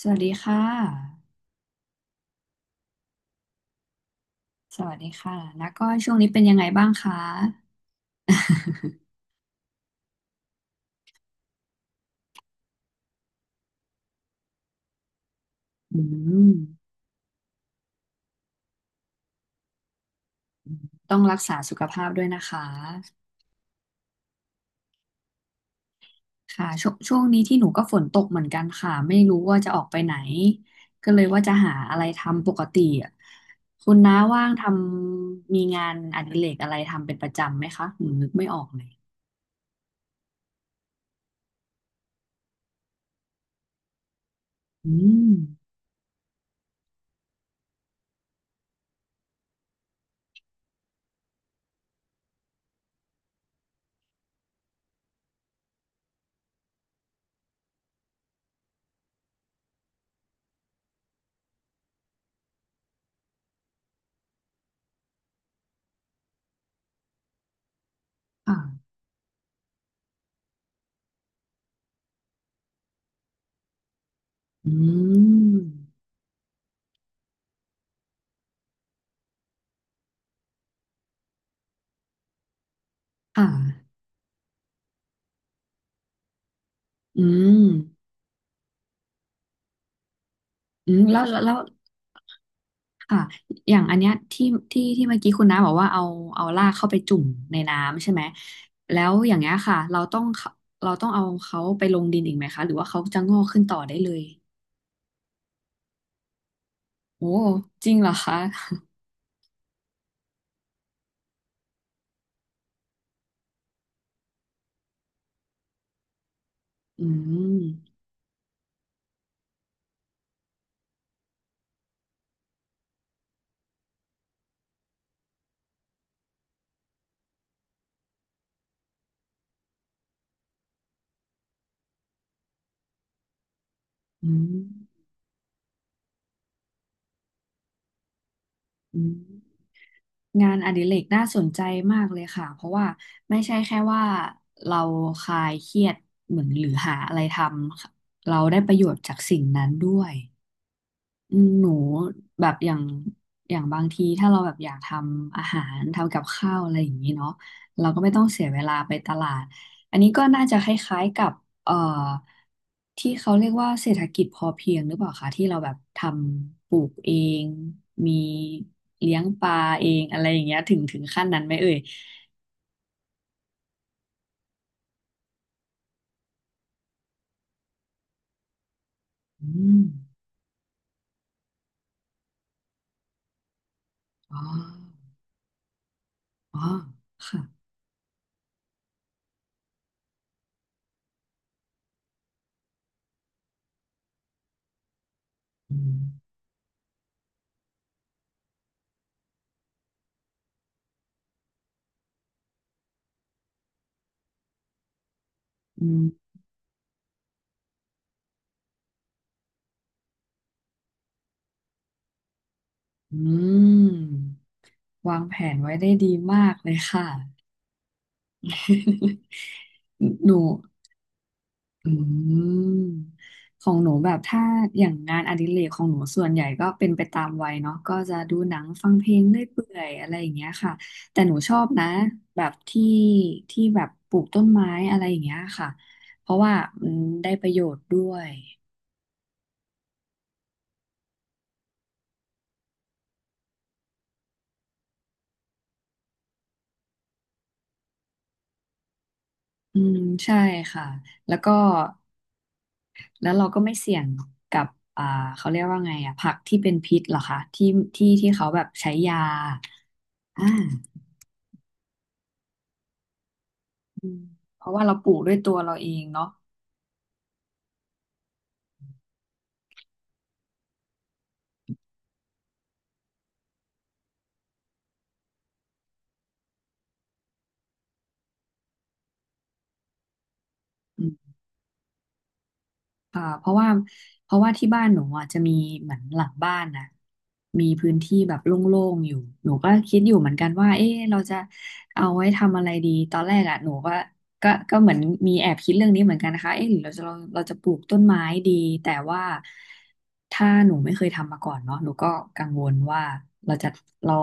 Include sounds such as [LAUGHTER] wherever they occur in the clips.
สวัสดีค่ะ สวัสดีค่ะแล้วก็ช่วงนี้เป็นยังไงบ้างคะ [LAUGHS] อืมต้องรักษาสุขภาพด้วยนะคะค่ะช่วงนี้ที่หนูก็ฝนตกเหมือนกันค่ะไม่รู้ว่าจะออกไปไหนก็เลยว่าจะหาอะไรทำปกติอะคุณน้าว่างทำมีงานอดิเรกอะไรทำเป็นประจำไหมคะหนูนึกไม่ออกเลยอืมค่ะอืมค่ะอืมอืมแล้วค่ะอย่างอันเนี้ยที่ที่เมื่อกี้คุณน้าบอกว่าเอาลากเข้าไปจุ่มในน้ำใช่ไหมแล้วอย่างเงี้ยค่ะเราต้องเอาเขาไปลงดินอีกไหมคะหรือว่าเขาจะงอกขึ้นต่อได้เลยโอ้จริงเหรอคะ [LAUGHS] อืมอืมอืมงานอดิเรกน่าสนใจมากเลยค่ะเพราะว่าไม่ใช่แค่ว่าเราคลายเครียดเหมือนหรือหาอะไรทำเราได้ประโยชน์จากสิ่งนั้นด้วย อืมหนูแบบอย่างบางทีถ้าเราแบบอยากทำอาหารทำกับข้าวอะไรอย่างนี้เนาะเราก็ไม่ต้องเสียเวลาไปตลาดอันนี้ก็น่าจะคล้ายๆกับเอ่อที่เขาเรียกว่าเศรษฐกิจพอเพียงหรือเปล่าคะที่เราแบบทำปลูกเองมีเลี้ยงปลาเองอะไรอย่างเงี้ยถึงขั้นนั้นไหมเอ่ยอืมอ๋ออ๋อค่ะอืมอืมอืมวางแผนไว้ได้ดีมากเลยค่ะ [LAUGHS] หนูอืมของหนูแบบถ้าอย่างงานอดิเรกของหนูส่วนใหญ่ก็เป็นไปตามวัยเนาะก็จะดูหนังฟังเพลงเรื่อยเปื่อยอะไรอย่างเงี้ยค่ะแต่หนูชอบนะแบบที่แบบปลูกต้นไม้อะไรอย่างเงี้ยค่ะเพราะว่ามันได้ประโยชน์ด้วยอืมใช่ค่ะแล้วก็แล้วเราก็ไม่เสี่ยงกับอ่าเขาเรียกว่าไงอ่ะผักที่เป็นพิษเหรอคะที่ที่เขาแบบใช้ยาอ่า อืมเพราะว่าเราปลูกด้วยตัวเราเองเนาะอื อ่าเพราะว่าที่บ้านหนูอ่ะจะมีเหมือนหลังบ้านนะมีพื้นที่แบบโล่งๆอยู่หนูก็คิดอยู่เหมือนกันว่าเอ๊ะเราจะเอาไว้ทำอะไรดีตอนแรกอ่ะหนูก็เหมือนมีแอบคิดเรื่องนี้เหมือนกันนะคะเอ๊ะหรือเราจะเราจะปลูกต้นไม้ดีแต่ว่าถ้าหนูไม่เคยทำมาก่อนเนาะหนูก็กังวลว่าเราจะเรา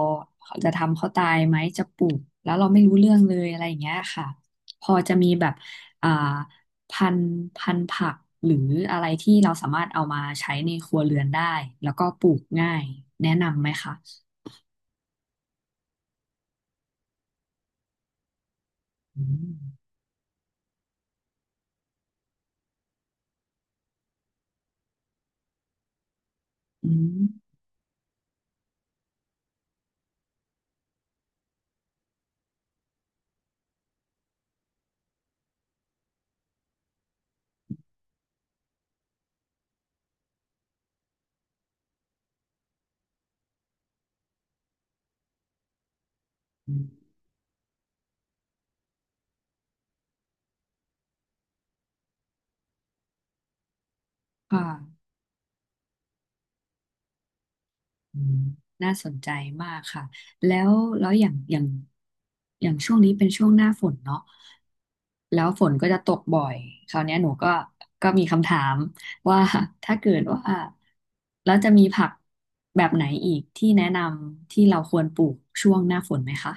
ทำเขาตายไหมจะปลูกแล้วเราไม่รู้เรื่องเลยอะไรอย่างเงี้ยค่ะพอจะมีแบบอ่า พันธุ์ผักหรืออะไรที่เราสามารถเอามาใช้ในครัวเรือนได้แล้วก็ปลูกง่ายแนะนำไหมคะอืมอืมอืมค่ะอืมน่าสนใจมากค่ะแล้วอย่างอย่างช่วงนี้เป็นช่วงหน้าฝนเนาะแล้วฝนก็จะตกบ่อยคราวเนี้ยหนูก็มีคำถามว่า [LAUGHS] ถ้าเกิดว่าแล้วจะมีผักแบบไหนอีกที่แนะนำที่เราควรปลูกช่วงหน้าฝนไหมคะ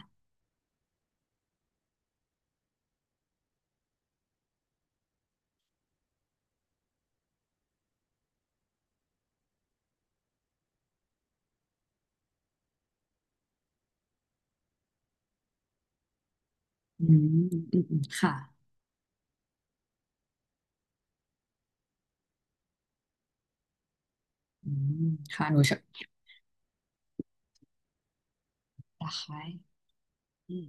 อืมอืม อืม ค่ะ อืม ค่ะ หนูชอบตะไคร้อืม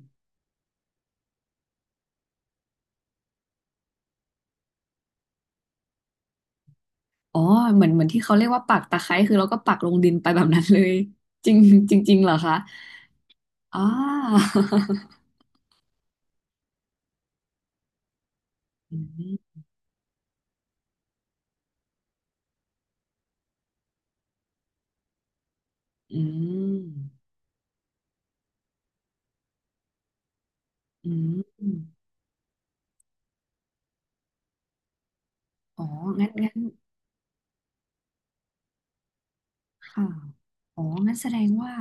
อ๋อ เหมือน ที่เขาเรียกว่าปักตะไคร้คือเราก็ปักลงดินไปแบบนั้นเลย จริงจริงจริงเหรอคะอ่า [LAUGHS] อืมอืมอืมอ๋องั้นค่ะอ๋องั้นแสดงว่า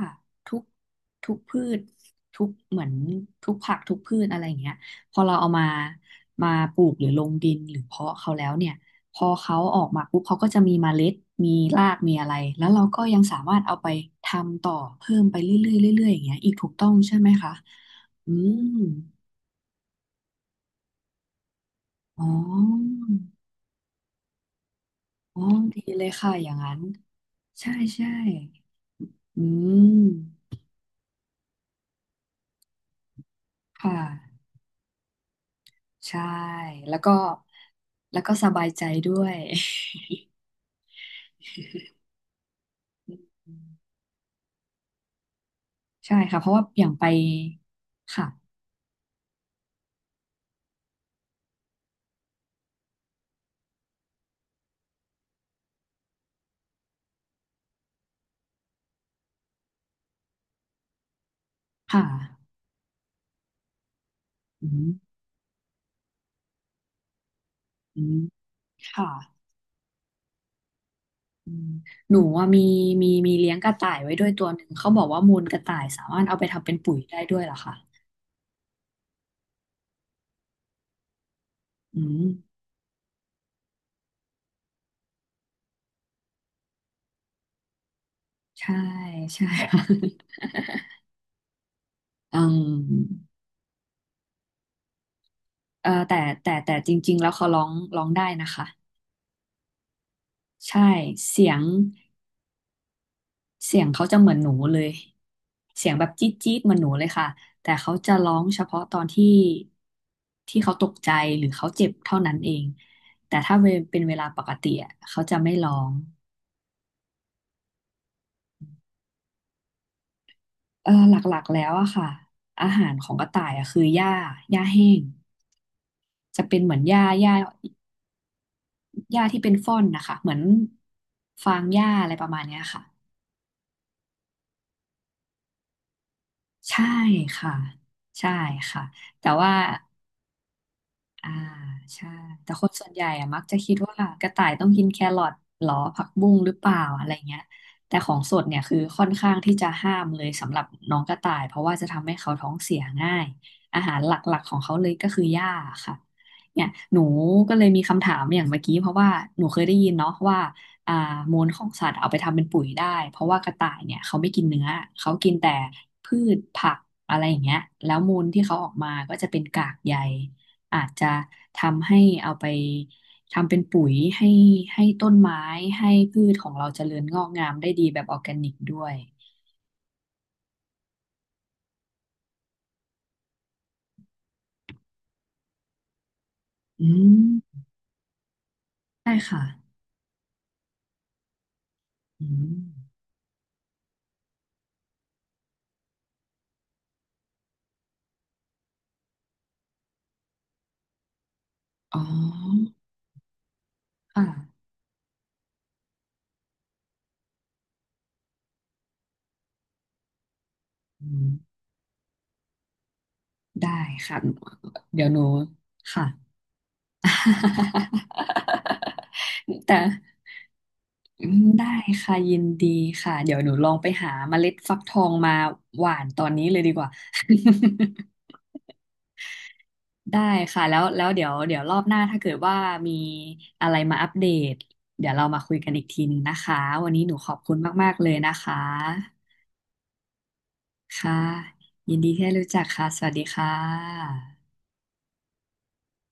ทุกพืชทุกเหมือนทุกพืชอะไรอย่างเงี้ยพอเราเอามาปลูกหรือลงดินหรือเพาะเขาแล้วเนี่ยพอเขาออกมาปุ๊บเขาก็จะมีเมล็ดมีรากมีอะไรแล้วเราก็ยังสามารถเอาไปทำต่อเพิ่มไปเรื่อยๆเรื่อยๆอย่างเงี้ยอีกถูกต้องใช่ไหมคะอืมอ๋ออ๋อดีเลยค่ะอย่างนั้นใช่ใช่อืมค่ะ ใช่แล้วก็สบายใจด้วยอืมใช่ค่ะเพราะว่าอย่างไปค่ะค่ะอืมอืมค่ะอืมหนูว่ามีมีเลี้ยงกระต่ายไว้ด้วยตัวหนึ่งเขาบอกว่ามูลกระต่ายสามารถเอาไปทำเป็นปุ๋ยได้ด้วยเหรอคะอืมใช่ใช่ [LAUGHS] ค่ะ [LAUGHS] อืมเออแต่จริงๆแล้วเขาร้องได้นะคะใช่เสียง เสียงเขาจะเหมือนหนูเลยเสียงแบบจี๊ดจี๊ดเหมือนหนูเลยค่ะแต่เขาจะร้องเฉพาะตอนที่เขาตกใจหรือเขาเจ็บเท่านั้นเองแต่ถ้าเวเป็นเวลาปกติอะเขาจะไม่ร้องเออหลักๆแล้วอะค่ะอาหารของกระต่ายอะคือหญ้าหญ้าแห้งจะเป็นเหมือนหญ้าหญ้าที่เป็นฟ่อนนะคะเหมือนฟางหญ้าอะไรประมาณเนี้ยค่ะใช่ค่ะใช่ค่ะแต่ว่า อ่าใช่แต่คนส่วนใหญ่อะมักจะคิดว่ากระต่ายต้องกินแครอทหรอผักบุ้งหรือเปล่าอะไรเงี้ยแต่ของสดเนี่ยคือค่อนข้างที่จะห้ามเลยสำหรับน้องกระต่ายเพราะว่าจะทำให้เขาท้องเสียง่ายอาหารหลักๆของเขาเลยก็คือหญ้าค่ะเนี่ยหนูก็เลยมีคำถามอย่างเมื่อกี้เพราะว่าหนูเคยได้ยินเนาะว่าอ่ามูลของสัตว์เอาไปทำเป็นปุ๋ยได้เพราะว่ากระต่ายเนี่ยเขาไม่กินเนื้อเขากินแต่พืชผักอะไรอย่างเงี้ยแล้วมูลที่เขาออกมาก็จะเป็นกากใย อาจจะทำให้เอาไปทำเป็นปุ๋ยให้ต้นไม้ให้พืชของเราเจริญงอกงามได้ดีแบบออร์แกนิกด้วย อืม ได้ค่ะอืมอ๋อค่ะอืมได้ค่ะ เดี๋ยวหนูค่ะ [LAUGHS] แต่อืมได้ค่ะยินดีค่ะเดี๋ยวหนูลองไปหาเมล็ดฟักทองมาหว่านตอนนี้เลยดีกว่า [LAUGHS] ได้ค่ะแล้วเดี๋ยวรอบหน้าถ้าเกิดว่ามีอะไรมาอัปเดตเดี๋ยวเรามาคุยกันอีกทีหนึงนะคะวันนี้หนูขอบคุณมากๆเลยนะคะค่ะยินดีที่ได้รู้จักค่ะสวัสดีค่ะ